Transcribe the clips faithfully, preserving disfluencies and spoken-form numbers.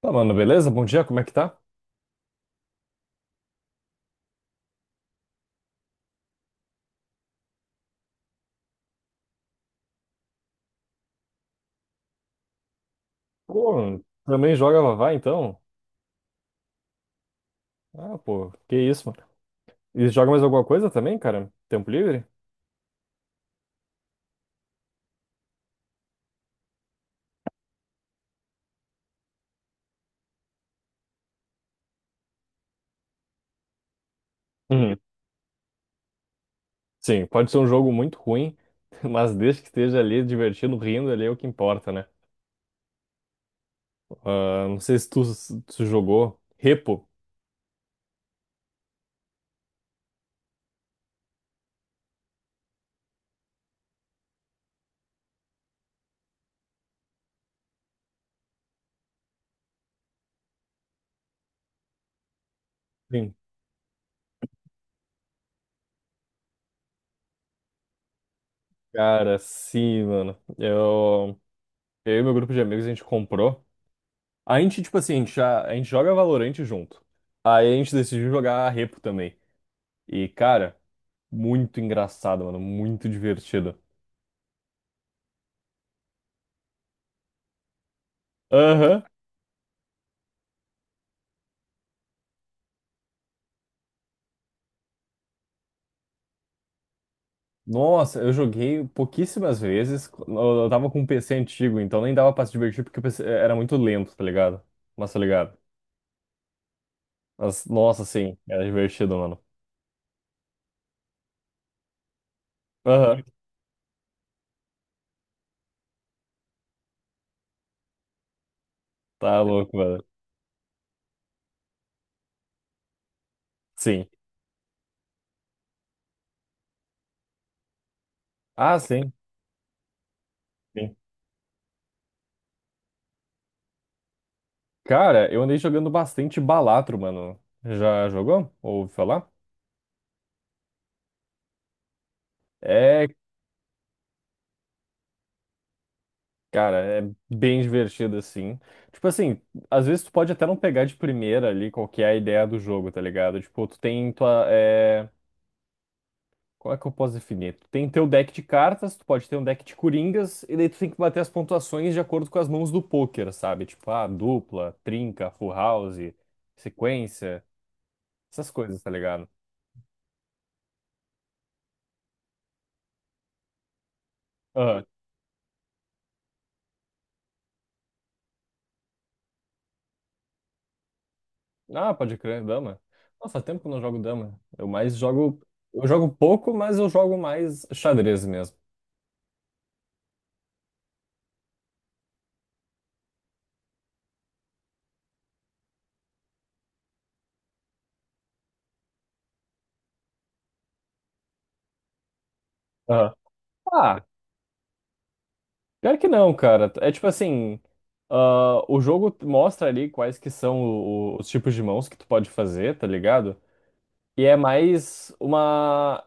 Tá, mano, beleza? Bom dia, como é que tá? Pô, também joga Vavá, então? Ah, pô, que isso, mano. E joga mais alguma coisa também, cara? Tempo livre? Uhum. Sim, pode ser um jogo muito ruim, mas desde que esteja ali divertido, rindo, ali é o que importa, né? Ah, não sei se tu, se tu jogou Repo. Sim. Cara, sim, mano. Eu, eu e meu grupo de amigos, a gente comprou. A gente, tipo assim, a gente, já, a gente joga Valorant junto. Aí a gente decidiu jogar Repo também. E, cara, muito engraçado, mano. Muito divertido. Aham. Nossa, eu joguei pouquíssimas vezes. Eu eu tava com um P C antigo, então nem dava pra se divertir porque o P C era muito lento, tá ligado? Mas tá ligado? Mas, nossa, sim, era divertido, mano. Aham. Tá louco, mano. Sim. Ah, sim. Sim. Cara, eu andei jogando bastante Balatro, mano. Já jogou? Ouviu falar? É. Cara, é bem divertido assim. Tipo assim, às vezes tu pode até não pegar de primeira ali qual que é a ideia do jogo, tá ligado? Tipo, tu tem tua. É... Como é que eu posso definir? Tu tem teu deck de cartas, tu pode ter um deck de coringas, e daí tu tem que bater as pontuações de acordo com as mãos do poker, sabe? Tipo, ah, dupla, trinca, full house, sequência, essas coisas, tá ligado? Aham. Ah, pode crer, dama. Nossa, faz tempo que eu não jogo dama. Eu mais jogo. Eu jogo pouco, mas eu jogo mais xadrez mesmo. Aham. Ah, pior que não, cara. É tipo assim, ah, o jogo mostra ali quais que são o, os tipos de mãos que tu pode fazer, tá ligado? E é mais uma.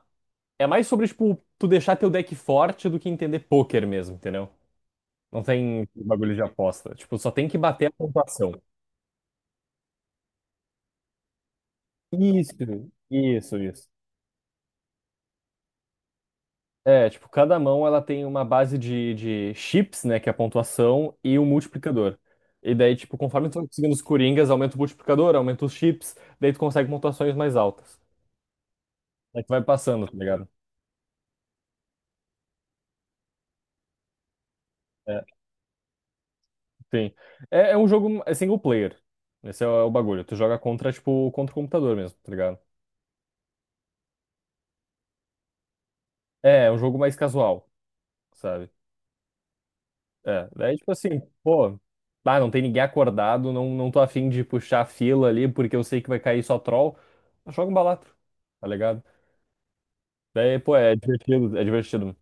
É mais sobre, tipo, tu deixar teu deck forte do que entender pôquer mesmo, entendeu? Não tem bagulho de aposta. Tipo, só tem que bater a pontuação. Isso, isso, isso. É, tipo, cada mão ela tem uma base de, de chips, né, que é a pontuação, e um multiplicador. E daí, tipo, conforme tu vai conseguindo os coringas, aumenta o multiplicador, aumenta os chips, daí tu consegue pontuações mais altas. Aí tu vai passando, tá ligado? É, sim. É, é um jogo é single player. Esse é o, é o bagulho. Tu joga contra, tipo, contra o computador mesmo, tá ligado? É, é um jogo mais casual, sabe? É, daí tipo assim, pô, ah, não tem ninguém acordado, não, não tô afim de puxar a fila ali, porque eu sei que vai cair só troll. Joga um balatro, tá ligado? Daí, pô, é divertido, é divertido.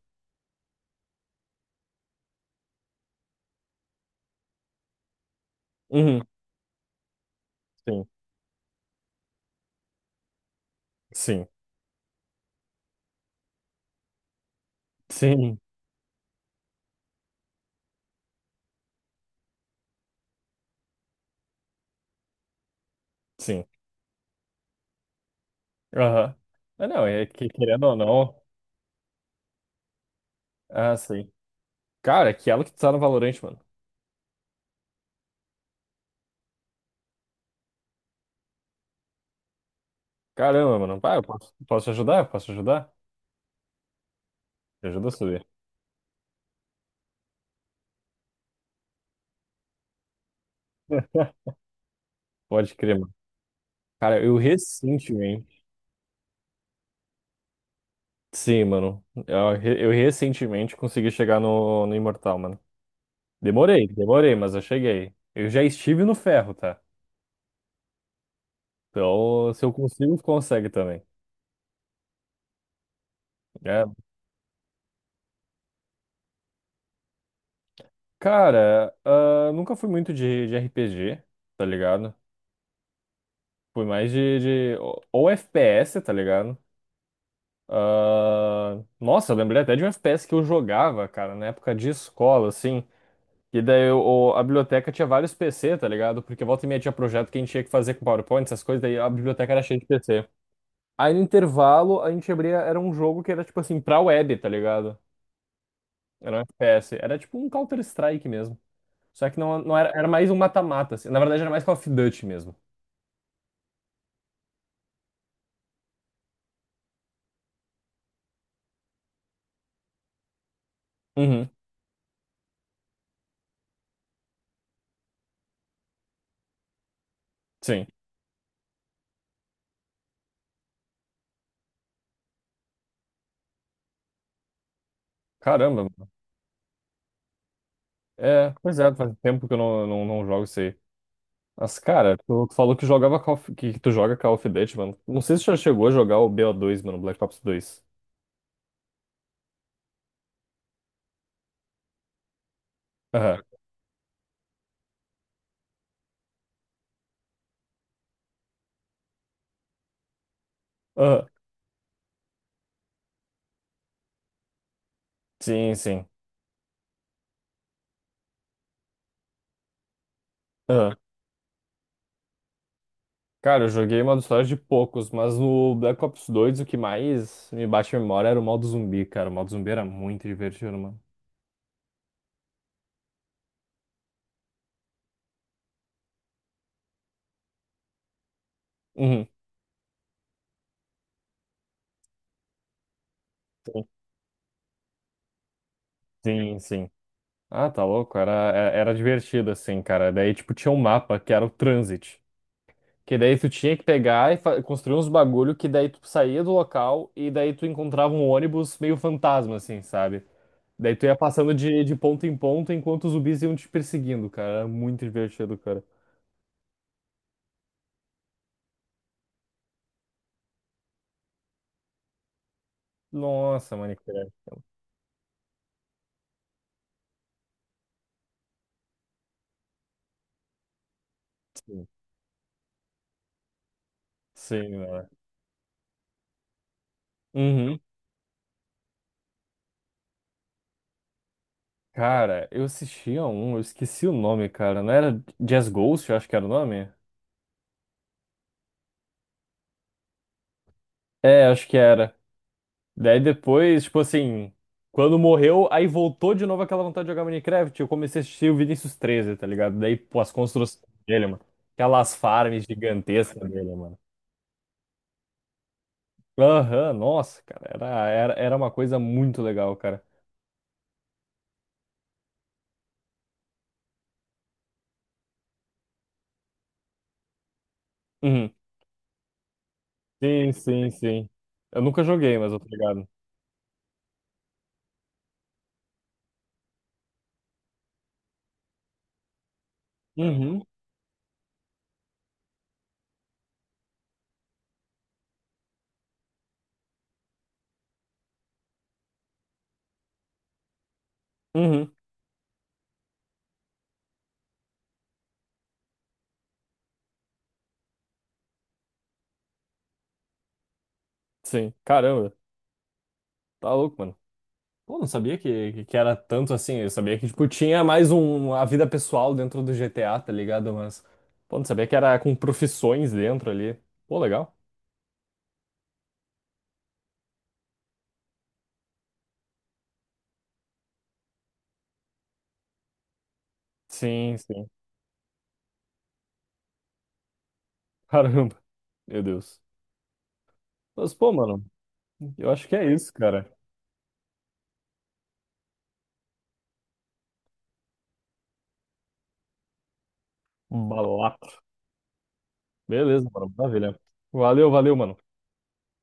Uhum, sim, sim, sim, sim. Aham. Mas não, é que querendo ou não. Ah, sim. Cara, é que ela que tu tá no Valorant, mano. Caramba, mano. Ah, eu posso, posso te ajudar? Posso te ajudar? Te ajuda a subir. Pode crer, mano. Cara, eu recentemente. Sim, mano. Eu, re- eu recentemente consegui chegar no, no, Imortal, mano. Demorei, demorei, mas eu cheguei. Eu já estive no ferro, tá? Então, se eu consigo, tu consegue também. É. Cara, ah, nunca fui muito de, de R P G, tá ligado? Fui mais de, de- ou ou F P S, tá ligado? Ah, nossa, eu lembrei até de um F P S que eu jogava, cara, na época de escola, assim. E daí o, o- a biblioteca tinha vários P C, tá ligado? Porque volta e meia tinha projeto que a gente tinha que fazer com PowerPoint, essas coisas, daí a biblioteca era cheia de P C. Aí no intervalo a gente abria, era um jogo que era tipo assim, pra web, tá ligado? Era um F P S. Era tipo um Counter-Strike mesmo. Só que não, não era, era mais um mata-mata, assim. Na verdade era mais Call of Duty mesmo. Uhum, sim. Caramba, mano. É, pois é, faz tempo que eu não, não, não jogo isso aí. Mas, cara, tu, tu falou que jogava Call of- que tu joga Call of Duty, mano. Não sei se tu já chegou a jogar o B O dois, mano, Black Ops dois. Aham. Aham. Sim, sim. Aham. Cara, eu joguei modo história de poucos, mas no Black Ops dois o que mais me bate a memória era o modo zumbi, cara. O modo zumbi era muito divertido, mano. Uhum. Sim, sim. Sim. Ah, tá louco. Era, é- era divertido, assim, cara. Daí, tipo, tinha um mapa que era o Transit. Que daí tu tinha que pegar e fa- construir uns bagulho que daí tu saía do local e daí tu encontrava um ônibus meio fantasma, assim, sabe? Daí tu ia passando de, de ponto em ponto enquanto os zumbis iam te perseguindo, cara. Era muito divertido, cara. Nossa, Minecraft. Sim, mano. Uhum. Cara, eu assistia um, eu esqueci o nome, cara. Não era Jazz Ghost, eu acho que era o nome? É, acho que era. Daí depois, tipo assim, quando morreu, aí voltou de novo aquela vontade de jogar Minecraft. Eu comecei a assistir o Vinícius treze, tá ligado? Daí, pô, as construções dele, mano. Aquelas farms gigantescas dele, mano. Aham, nossa, cara. Era, era, era uma coisa muito legal, cara. Uhum. Sim, sim, sim. Eu nunca joguei, mas eu tô ligado. Uhum. Uhum. Sim. Caramba, tá louco, mano. Pô, não sabia que, que que era tanto assim. Eu sabia que, tipo, tinha mais um, a vida pessoal dentro do G T A, tá ligado? Mas, pô, não sabia que era com profissões dentro ali. Pô, legal. Sim, sim. Caramba. Meu Deus. Mas, pô, mano, eu acho que é isso, cara. Balato. Beleza, mano. Maravilha. Valeu, valeu, mano.